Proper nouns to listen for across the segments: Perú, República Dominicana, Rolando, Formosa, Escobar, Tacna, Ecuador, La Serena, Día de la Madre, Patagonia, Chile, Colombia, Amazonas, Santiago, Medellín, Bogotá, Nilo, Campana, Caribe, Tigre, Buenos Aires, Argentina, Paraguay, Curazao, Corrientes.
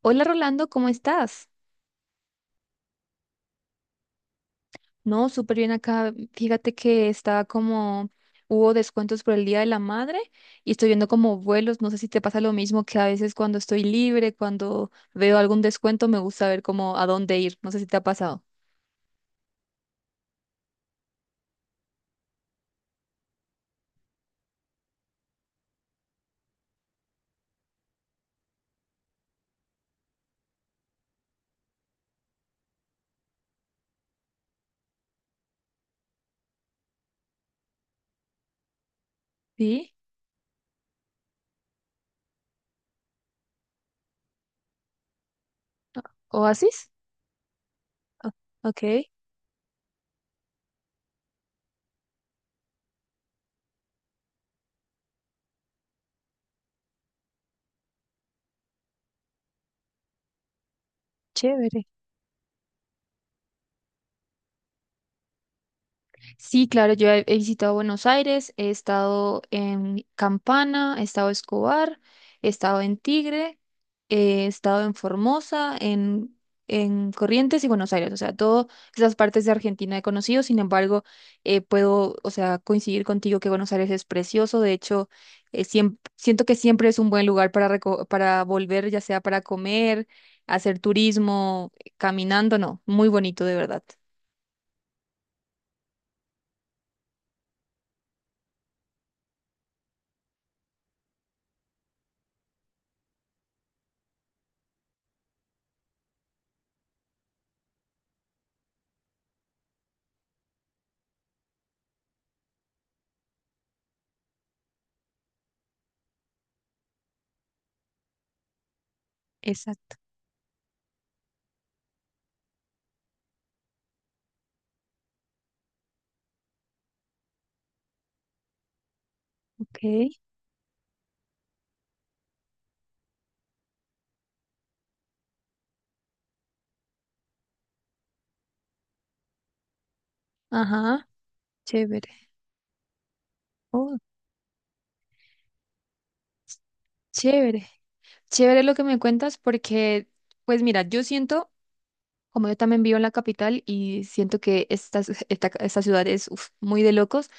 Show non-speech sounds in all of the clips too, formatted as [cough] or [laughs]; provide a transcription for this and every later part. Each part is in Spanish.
Hola Rolando, ¿cómo estás? No, súper bien acá. Fíjate que estaba como, hubo descuentos por el Día de la Madre y estoy viendo como vuelos. No sé si te pasa lo mismo que a veces cuando estoy libre, cuando veo algún descuento, me gusta ver como a dónde ir. No sé si te ha pasado. ¿Sí? ¿Oasis? Ah, ok, chévere. Sí, claro, yo he visitado Buenos Aires, he estado en Campana, he estado en Escobar, he estado en Tigre, he estado en Formosa, en Corrientes y Buenos Aires, o sea, todas esas partes de Argentina he conocido. Sin embargo, puedo, o sea, coincidir contigo que Buenos Aires es precioso. De hecho, siempre siento que siempre es un buen lugar para, para volver, ya sea para comer, hacer turismo, caminando, no, muy bonito de verdad. Exacto, ok. Ajá. Chévere. Oh, chévere. Chévere lo que me cuentas porque, pues mira, yo siento, como yo también vivo en la capital y siento que esta ciudad es uf, muy de locos.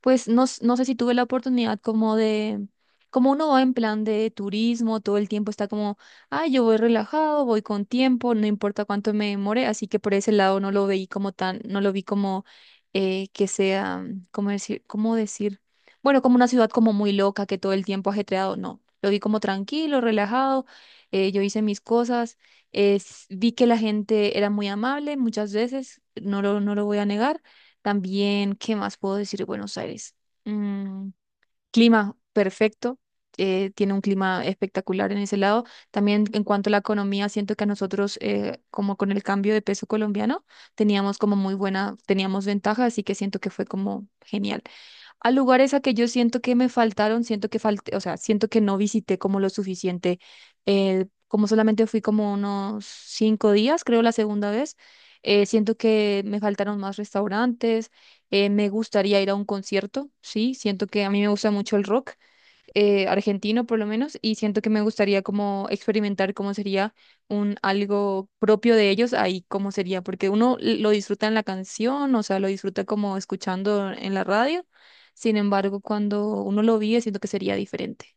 Pues no, no sé si tuve la oportunidad como de, como uno va en plan de turismo, todo el tiempo está como, ah, yo voy relajado, voy con tiempo, no importa cuánto me demore, así que por ese lado no lo veí como tan, no lo vi como que sea, ¿cómo decir? ¿Cómo decir? Bueno, como una ciudad como muy loca, que todo el tiempo ajetreado, no, lo vi como tranquilo, relajado. Yo hice mis cosas, vi que la gente era muy amable muchas veces, no lo voy a negar también. ¿Qué más puedo decir de Buenos Aires? Mm, Clima perfecto, tiene un clima espectacular en ese lado. También en cuanto a la economía, siento que a nosotros, como con el cambio de peso colombiano, teníamos como muy buena, teníamos ventaja, así que siento que fue como genial a lugares a que yo siento que me faltaron, siento que falté, o sea, siento que no visité como lo suficiente. Como solamente fui como unos 5 días, creo, la segunda vez. Siento que me faltaron más restaurantes. Me gustaría ir a un concierto, sí, siento que a mí me gusta mucho el rock, argentino por lo menos, y siento que me gustaría como experimentar cómo sería un algo propio de ellos ahí, cómo sería, porque uno lo disfruta en la canción, o sea, lo disfruta como escuchando en la radio. Sin embargo, cuando uno lo vive, siento que sería diferente.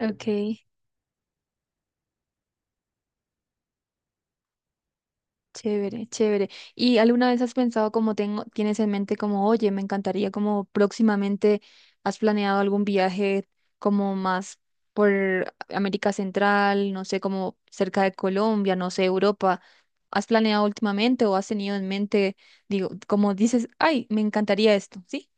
Ok. Chévere, chévere. ¿Y alguna vez has pensado como tienes en mente como, oye, me encantaría como próximamente has planeado algún viaje como más por América Central, no sé, como cerca de Colombia, no sé, Europa? ¿Has planeado últimamente o has tenido en mente, digo, como dices, ay, me encantaría esto, sí?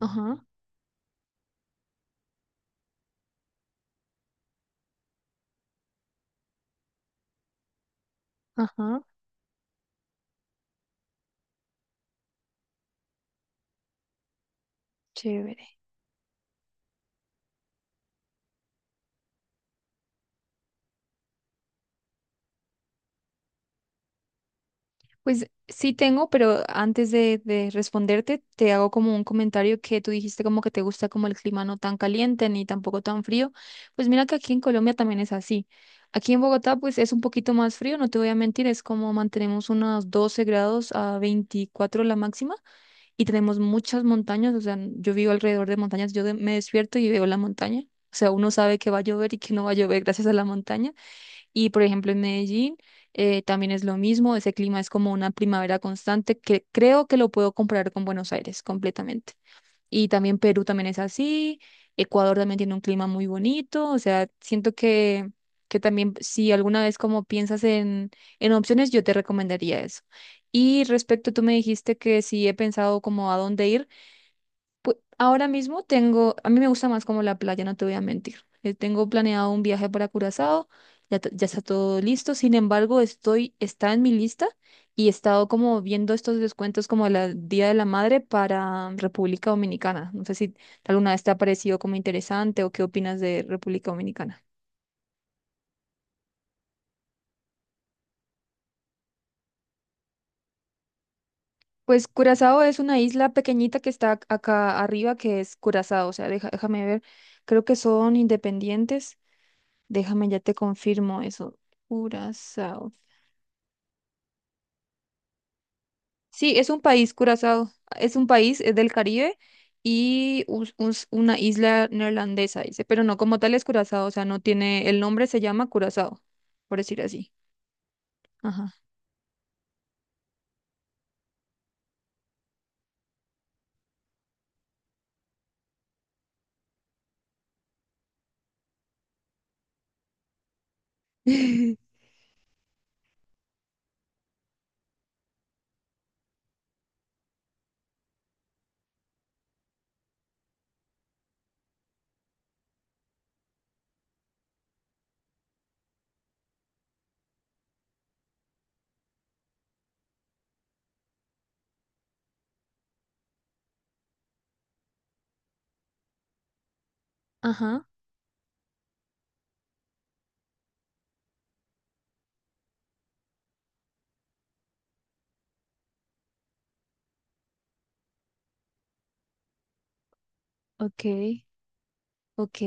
Ajá, ajá, chévere. Pues sí tengo, pero antes de responderte, te hago como un comentario que tú dijiste como que te gusta como el clima no tan caliente ni tampoco tan frío. Pues mira que aquí en Colombia también es así. Aquí en Bogotá pues es un poquito más frío, no te voy a mentir, es como mantenemos unos 12 grados a 24 la máxima y tenemos muchas montañas, o sea, yo vivo alrededor de montañas, yo me despierto y veo la montaña. O sea, uno sabe que va a llover y que no va a llover gracias a la montaña. Y por ejemplo, en Medellín también es lo mismo, ese clima es como una primavera constante que creo que lo puedo comparar con Buenos Aires completamente. Y también Perú también es así, Ecuador también tiene un clima muy bonito, o sea, siento que también si alguna vez como piensas en opciones, yo te recomendaría eso. Y respecto, tú me dijiste que si he pensado como a dónde ir. Pues ahora mismo tengo, a mí me gusta más como la playa, no te voy a mentir. Tengo planeado un viaje para Curazao, ya, ya está todo listo. Sin embargo, está en mi lista y he estado como viendo estos descuentos como el Día de la Madre para República Dominicana. No sé si alguna vez te ha parecido como interesante o qué opinas de República Dominicana. Pues Curazao es una isla pequeñita que está acá arriba, que es Curazao. O sea, déjame ver, creo que son independientes. Déjame, ya te confirmo eso. Curazao. Sí, es un país, Curazao. Es un país, es del Caribe y una isla neerlandesa, dice, pero no como tal es Curazao, o sea, no tiene, el nombre se llama Curazao, por decir así. Ajá. [laughs] Ajá, ok. Ok,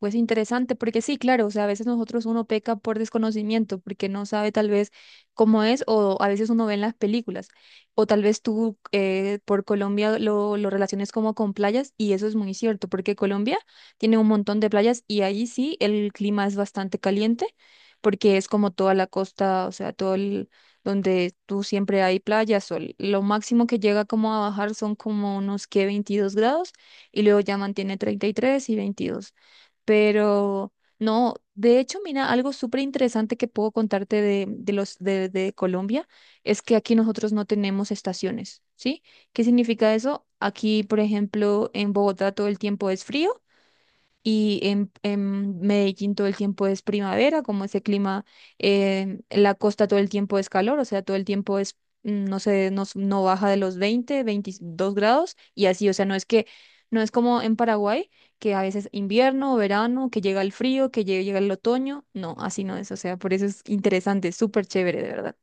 pues interesante, porque sí, claro, o sea, a veces nosotros uno peca por desconocimiento, porque no sabe tal vez cómo es, o a veces uno ve en las películas, o tal vez tú por Colombia lo relaciones como con playas, y eso es muy cierto, porque Colombia tiene un montón de playas y allí sí el clima es bastante caliente, porque es como toda la costa, o sea, todo el, donde tú siempre hay playas, sol. Lo máximo que llega como a bajar son como unos que 22 grados y luego ya mantiene 33 y 22. Pero no, de hecho, mira, algo súper interesante que puedo contarte de los de Colombia es que aquí nosotros no tenemos estaciones, ¿sí? ¿Qué significa eso? Aquí, por ejemplo, en Bogotá todo el tiempo es frío y en Medellín todo el tiempo es primavera, como ese clima. La costa todo el tiempo es calor, o sea, todo el tiempo es, no sé, no baja de los 20 22 grados y así, o sea, no es que, no es como en Paraguay, que a veces invierno, verano, que llega el frío, que llega, el otoño, no, así no es, o sea, por eso es interesante, súper chévere, de verdad.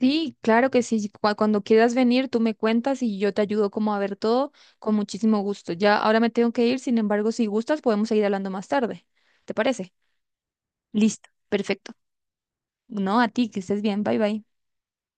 Sí, claro que sí. Cuando quieras venir, tú me cuentas y yo te ayudo como a ver todo con muchísimo gusto. Ya ahora me tengo que ir. Sin embargo, si gustas, podemos seguir hablando más tarde. ¿Te parece? Listo, perfecto. No, a ti, que estés bien. Bye bye.